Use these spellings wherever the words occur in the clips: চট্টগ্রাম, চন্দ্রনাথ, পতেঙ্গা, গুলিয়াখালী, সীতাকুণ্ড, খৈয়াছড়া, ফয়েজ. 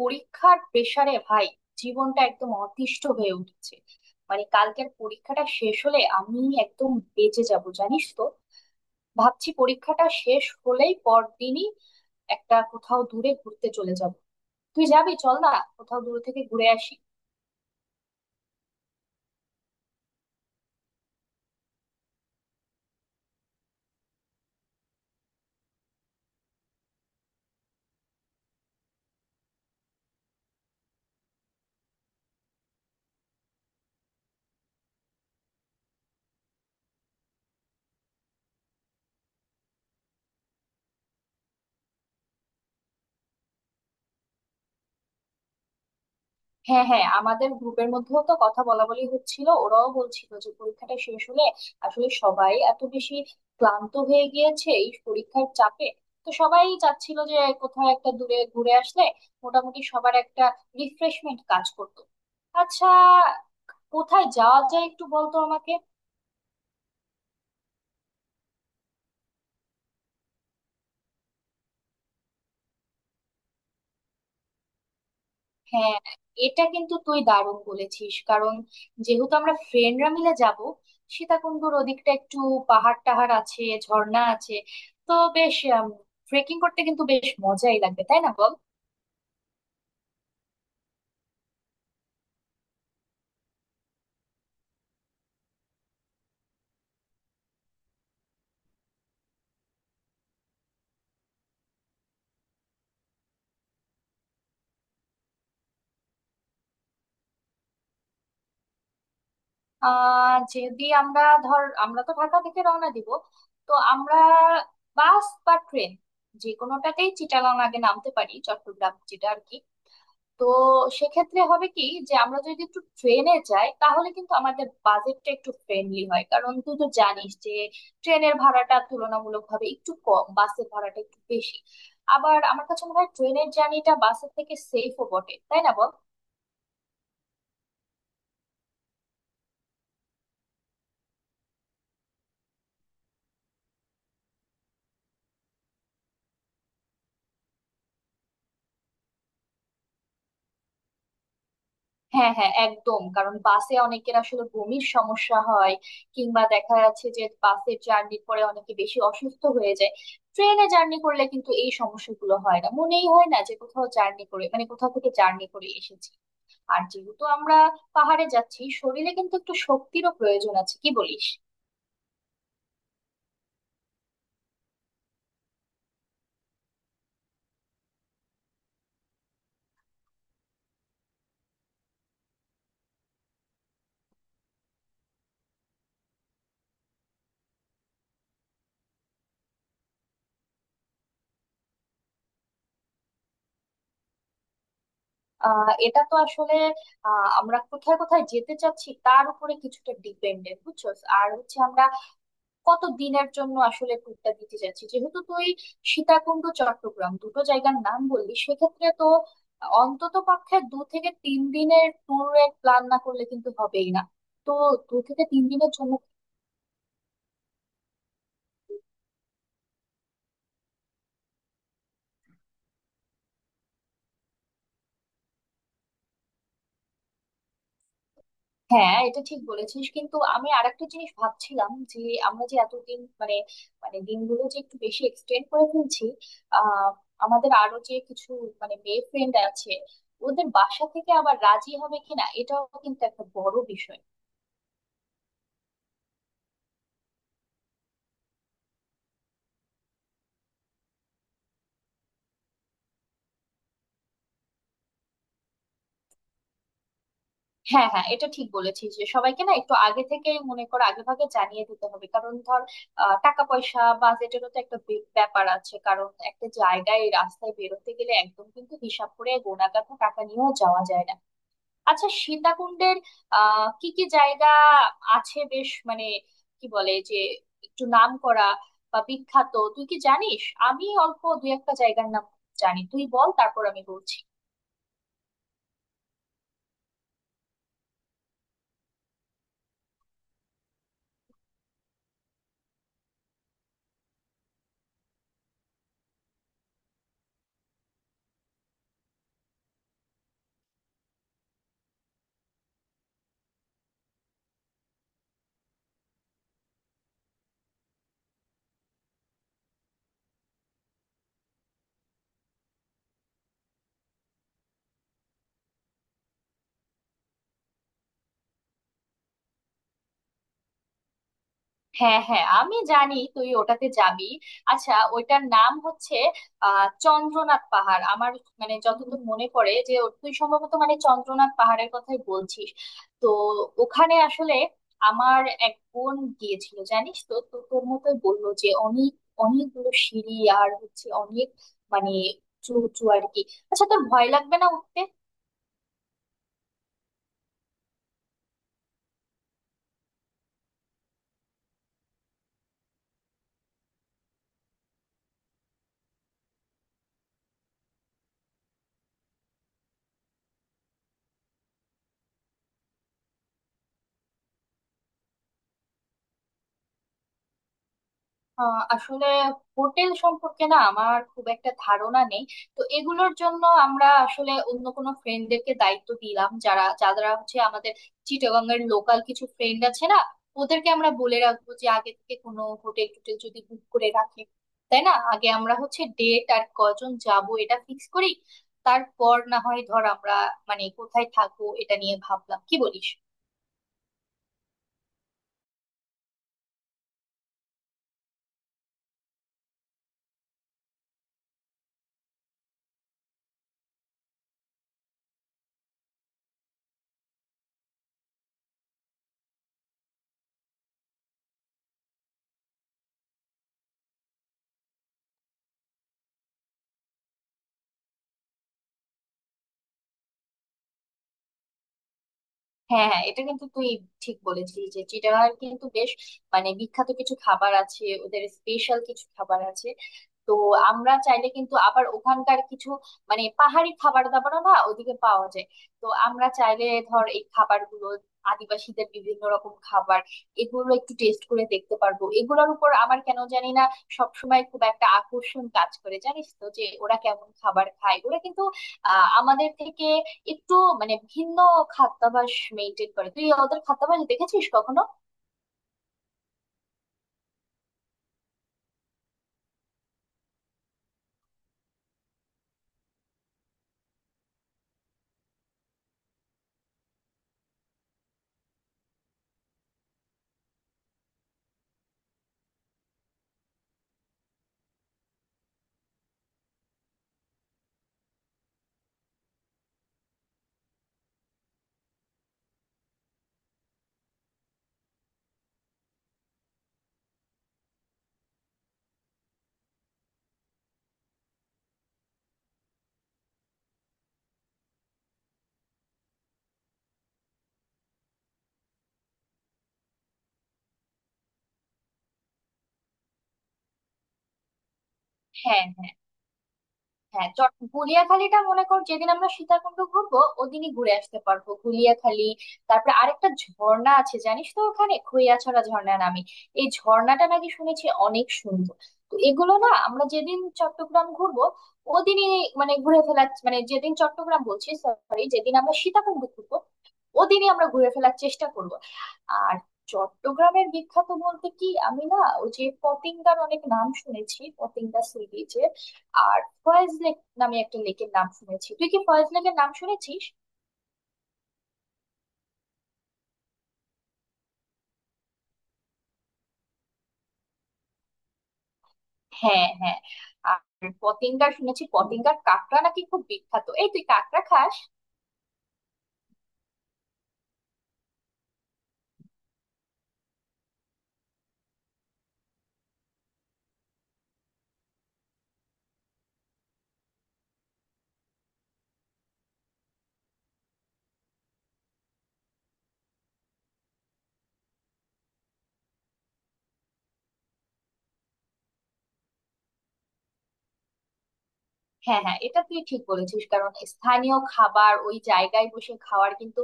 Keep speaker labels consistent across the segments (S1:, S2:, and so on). S1: পরীক্ষার প্রেসারে ভাই জীবনটা একদম অতিষ্ঠ হয়ে উঠেছে। মানে কালকের পরীক্ষাটা শেষ হলে আমি একদম বেঁচে যাব জানিস তো। ভাবছি পরীক্ষাটা শেষ হলেই পরদিনই একটা কোথাও দূরে ঘুরতে চলে যাব। তুই যাবি চল না, কোথাও দূর থেকে ঘুরে আসি। হ্যাঁ হ্যাঁ, আমাদের গ্রুপের মধ্যেও তো কথা বলা বলি হচ্ছিল, ওরাও বলছিল যে পরীক্ষাটা শেষ হলে আসলে সবাই এত বেশি ক্লান্ত হয়ে গিয়েছে এই পরীক্ষার চাপে। তো সবাই চাচ্ছিল যে কোথাও একটা দূরে ঘুরে আসলে মোটামুটি সবার একটা রিফ্রেশমেন্ট কাজ করতো। আচ্ছা, কোথায় যাওয়া যায় একটু বলতো আমাকে। হ্যাঁ, এটা কিন্তু তুই দারুণ বলেছিস। কারণ যেহেতু আমরা ফ্রেন্ডরা মিলে যাব, সীতাকুণ্ডুর ওদিকটা একটু পাহাড় টাহাড় আছে, ঝর্ণা আছে, তো বেশ ট্রেকিং করতে কিন্তু বেশ মজাই লাগবে, তাই না বল। যদি আমরা, ধর আমরা তো ঢাকা থেকে রওনা দিব, তো আমরা বাস বা ট্রেন যে কোনোটাতেই চিটাগং আগে নামতে পারি, চট্টগ্রাম যেটা আর কি। তো সেক্ষেত্রে হবে কি, যে আমরা যদি একটু ট্রেনে যাই তাহলে কিন্তু আমাদের বাজেটটা একটু ফ্রেন্ডলি হয়। কারণ তুই তো জানিস যে ট্রেনের ভাড়াটা তুলনামূলকভাবে একটু কম, বাসের ভাড়াটা একটু বেশি। আবার আমার কাছে মনে হয় ট্রেনের জার্নিটা বাসের থেকে সেফও বটে, তাই না বল। হ্যাঁ হ্যাঁ একদম। কারণ বাসে অনেকের আসলে বমির সমস্যা হয়, কিংবা দেখা যাচ্ছে যে বাসের জার্নি পরে অনেকে বেশি অসুস্থ হয়ে যায়। ট্রেনে জার্নি করলে কিন্তু এই সমস্যাগুলো হয় না, মনেই হয় না যে কোথাও জার্নি করে, মানে কোথাও থেকে জার্নি করে এসেছি। আর যেহেতু আমরা পাহাড়ে যাচ্ছি, শরীরে কিন্তু একটু শক্তিরও প্রয়োজন আছে, কি বলিস। এটা তো আসলে আমরা কোথায় কোথায় যেতে চাচ্ছি তার উপরে কিছুটা ডিপেন্ডেন্ট, বুঝছস। আর হচ্ছে আমরা কত দিনের জন্য আসলে ট্যুরটা দিতে যাচ্ছি। যেহেতু তুই সীতাকুণ্ড চট্টগ্রাম দুটো জায়গার নাম বললি, সেক্ষেত্রে তো অন্তত পক্ষে দু থেকে তিন দিনের ট্যুরের প্ল্যান না করলে কিন্তু হবেই না। তো দু থেকে তিন দিনের জন্য। হ্যাঁ, এটা ঠিক বলেছিস, কিন্তু আমি আরেকটা জিনিস ভাবছিলাম যে আমরা যে এতদিন মানে মানে দিনগুলো যে একটু বেশি এক্সটেন্ড করে ফেলছি। আহ আমাদের আরো যে কিছু মানে মেয়ে ফ্রেন্ড আছে, ওদের বাসা থেকে আবার রাজি হবে কিনা, এটাও কিন্তু একটা বড় বিষয়। হ্যাঁ হ্যাঁ, এটা ঠিক বলেছিস যে সবাইকে না একটু আগে থেকে, মনে কর আগে ভাগে জানিয়ে দিতে হবে। কারণ ধর, টাকা পয়সা বাজেটেরও তো একটা ব্যাপার আছে। কারণ একটা জায়গায় রাস্তায় বেরোতে গেলে একদম কিন্তু হিসাব করে গোনা কাটা টাকা নিয়েও যাওয়া যায় না। আচ্ছা, সীতাকুণ্ডের কি কি জায়গা আছে বেশ মানে কি বলে যে একটু নাম করা বা বিখ্যাত, তুই কি জানিস? আমি অল্প দুই একটা জায়গার নাম জানি, তুই বল তারপর আমি বলছি। হ্যাঁ হ্যাঁ, আমি জানি তুই ওটাতে যাবি। আচ্ছা, ওইটার নাম হচ্ছে চন্দ্রনাথ পাহাড়। আমার মানে যতদূর মনে পড়ে যে তুই সম্ভবত মানে চন্দ্রনাথ পাহাড়ের কথাই বলছিস। তো ওখানে আসলে আমার এক বোন গিয়েছিল জানিস তো, তো তোর মতোই বললো যে অনেক, অনেকগুলো সিঁড়ি, আর হচ্ছে অনেক মানে উঁচু উঁচু আর কি। আচ্ছা তোর ভয় লাগবে না উঠতে? আসলে হোটেল সম্পর্কে না আমার খুব একটা ধারণা নেই। তো এগুলোর জন্য আমরা আসলে অন্য কোনো ফ্রেন্ডদেরকে দায়িত্ব দিলাম, যারা যারা হচ্ছে আমাদের চিটাগাং এর লোকাল কিছু ফ্রেন্ড আছে না, ওদেরকে আমরা বলে রাখবো যে আগে থেকে কোনো হোটেল টোটেল যদি বুক করে রাখে। তাই না, আগে আমরা হচ্ছে ডেট আর কজন যাব এটা ফিক্স করি, তারপর না হয় ধর আমরা মানে কোথায় থাকবো এটা নিয়ে ভাবলাম, কি বলিস। হ্যাঁ হ্যাঁ, এটা কিন্তু তুই ঠিক বলেছিস যে চিটাগাং কিন্তু বেশ মানে বিখ্যাত কিছু খাবার আছে, ওদের স্পেশাল কিছু খাবার আছে। তো আমরা চাইলে কিন্তু আবার ওখানকার কিছু মানে পাহাড়ি খাবার দাবারও না ওদিকে পাওয়া যায়। তো আমরা চাইলে ধর এই খাবারগুলো, আদিবাসীদের বিভিন্ন রকম খাবার, এগুলো একটু টেস্ট করে দেখতে পারবো। এগুলোর উপর আমার কেন জানি না সবসময় খুব একটা আকর্ষণ কাজ করে জানিস তো, যে ওরা কেমন খাবার খায়। ওরা কিন্তু আমাদের থেকে একটু মানে ভিন্ন খাদ্যাভ্যাস মেনটেন করে। তুই ওদের খাদ্যাভ্যাস দেখেছিস কখনো? হ্যাঁ হ্যাঁ, গুলিয়াখালীটা মনে কর যেদিন আমরা সীতাকুণ্ড ঘুরবো ওদিনই ঘুরে আসতে পারবো গুলিয়াখালী। তারপরে আরেকটা ঝর্ণা আছে জানিস তো ওখানে, খৈয়াছড়া ঝর্ণা নামে। এই ঝর্ণাটা নাকি শুনেছি অনেক সুন্দর। তো এগুলো না আমরা যেদিন চট্টগ্রাম ঘুরবো ওদিনই মানে ঘুরে ফেলা, মানে যেদিন চট্টগ্রাম বলছি, সরি যেদিন আমরা সীতাকুণ্ড ঘুরবো ওদিনই আমরা ঘুরে ফেলার চেষ্টা করব। আর চট্টগ্রামের বিখ্যাত বলতে কি, আমি না ওই যে পতেঙ্গার অনেক নাম শুনেছি, পতেঙ্গা সি বিচের। আর ফয়েজ লেক নামে একটা লেকের নাম শুনেছি, তুই কি ফয়েজ লেকের নাম শুনেছিস? হ্যাঁ হ্যাঁ। আর পতেঙ্গার শুনেছি পতেঙ্গার কাঁকড়া নাকি খুব বিখ্যাত, এই তুই কাঁকড়া খাস? হ্যাঁ হ্যাঁ, এটা তুই ঠিক বলেছিস। কারণ স্থানীয় খাবার ওই জায়গায় বসে খাওয়ার কিন্তু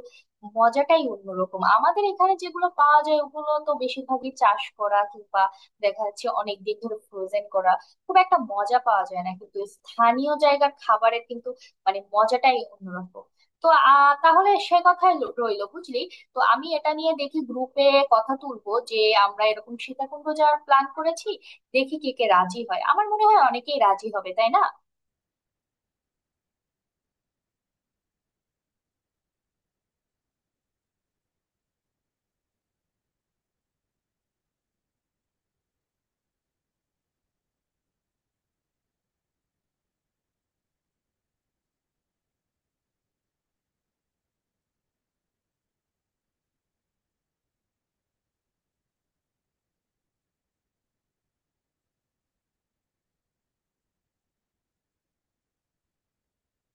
S1: মজাটাই অন্যরকম। আমাদের এখানে যেগুলো পাওয়া যায় ওগুলো তো বেশিরভাগই চাষ করা, কিংবা দেখা যাচ্ছে অনেক দিন ধরে ফ্রোজেন করা, খুব একটা মজা পাওয়া যায় না। কিন্তু স্থানীয় জায়গার খাবারের কিন্তু মানে মজাটাই অন্যরকম। তো তাহলে সে কথাই রইলো বুঝলি। তো আমি এটা নিয়ে দেখি গ্রুপে কথা তুলবো যে আমরা এরকম সীতাকুণ্ড যাওয়ার প্ল্যান করেছি, দেখি কে কে রাজি হয়, আমার মনে হয় অনেকেই রাজি হবে, তাই না।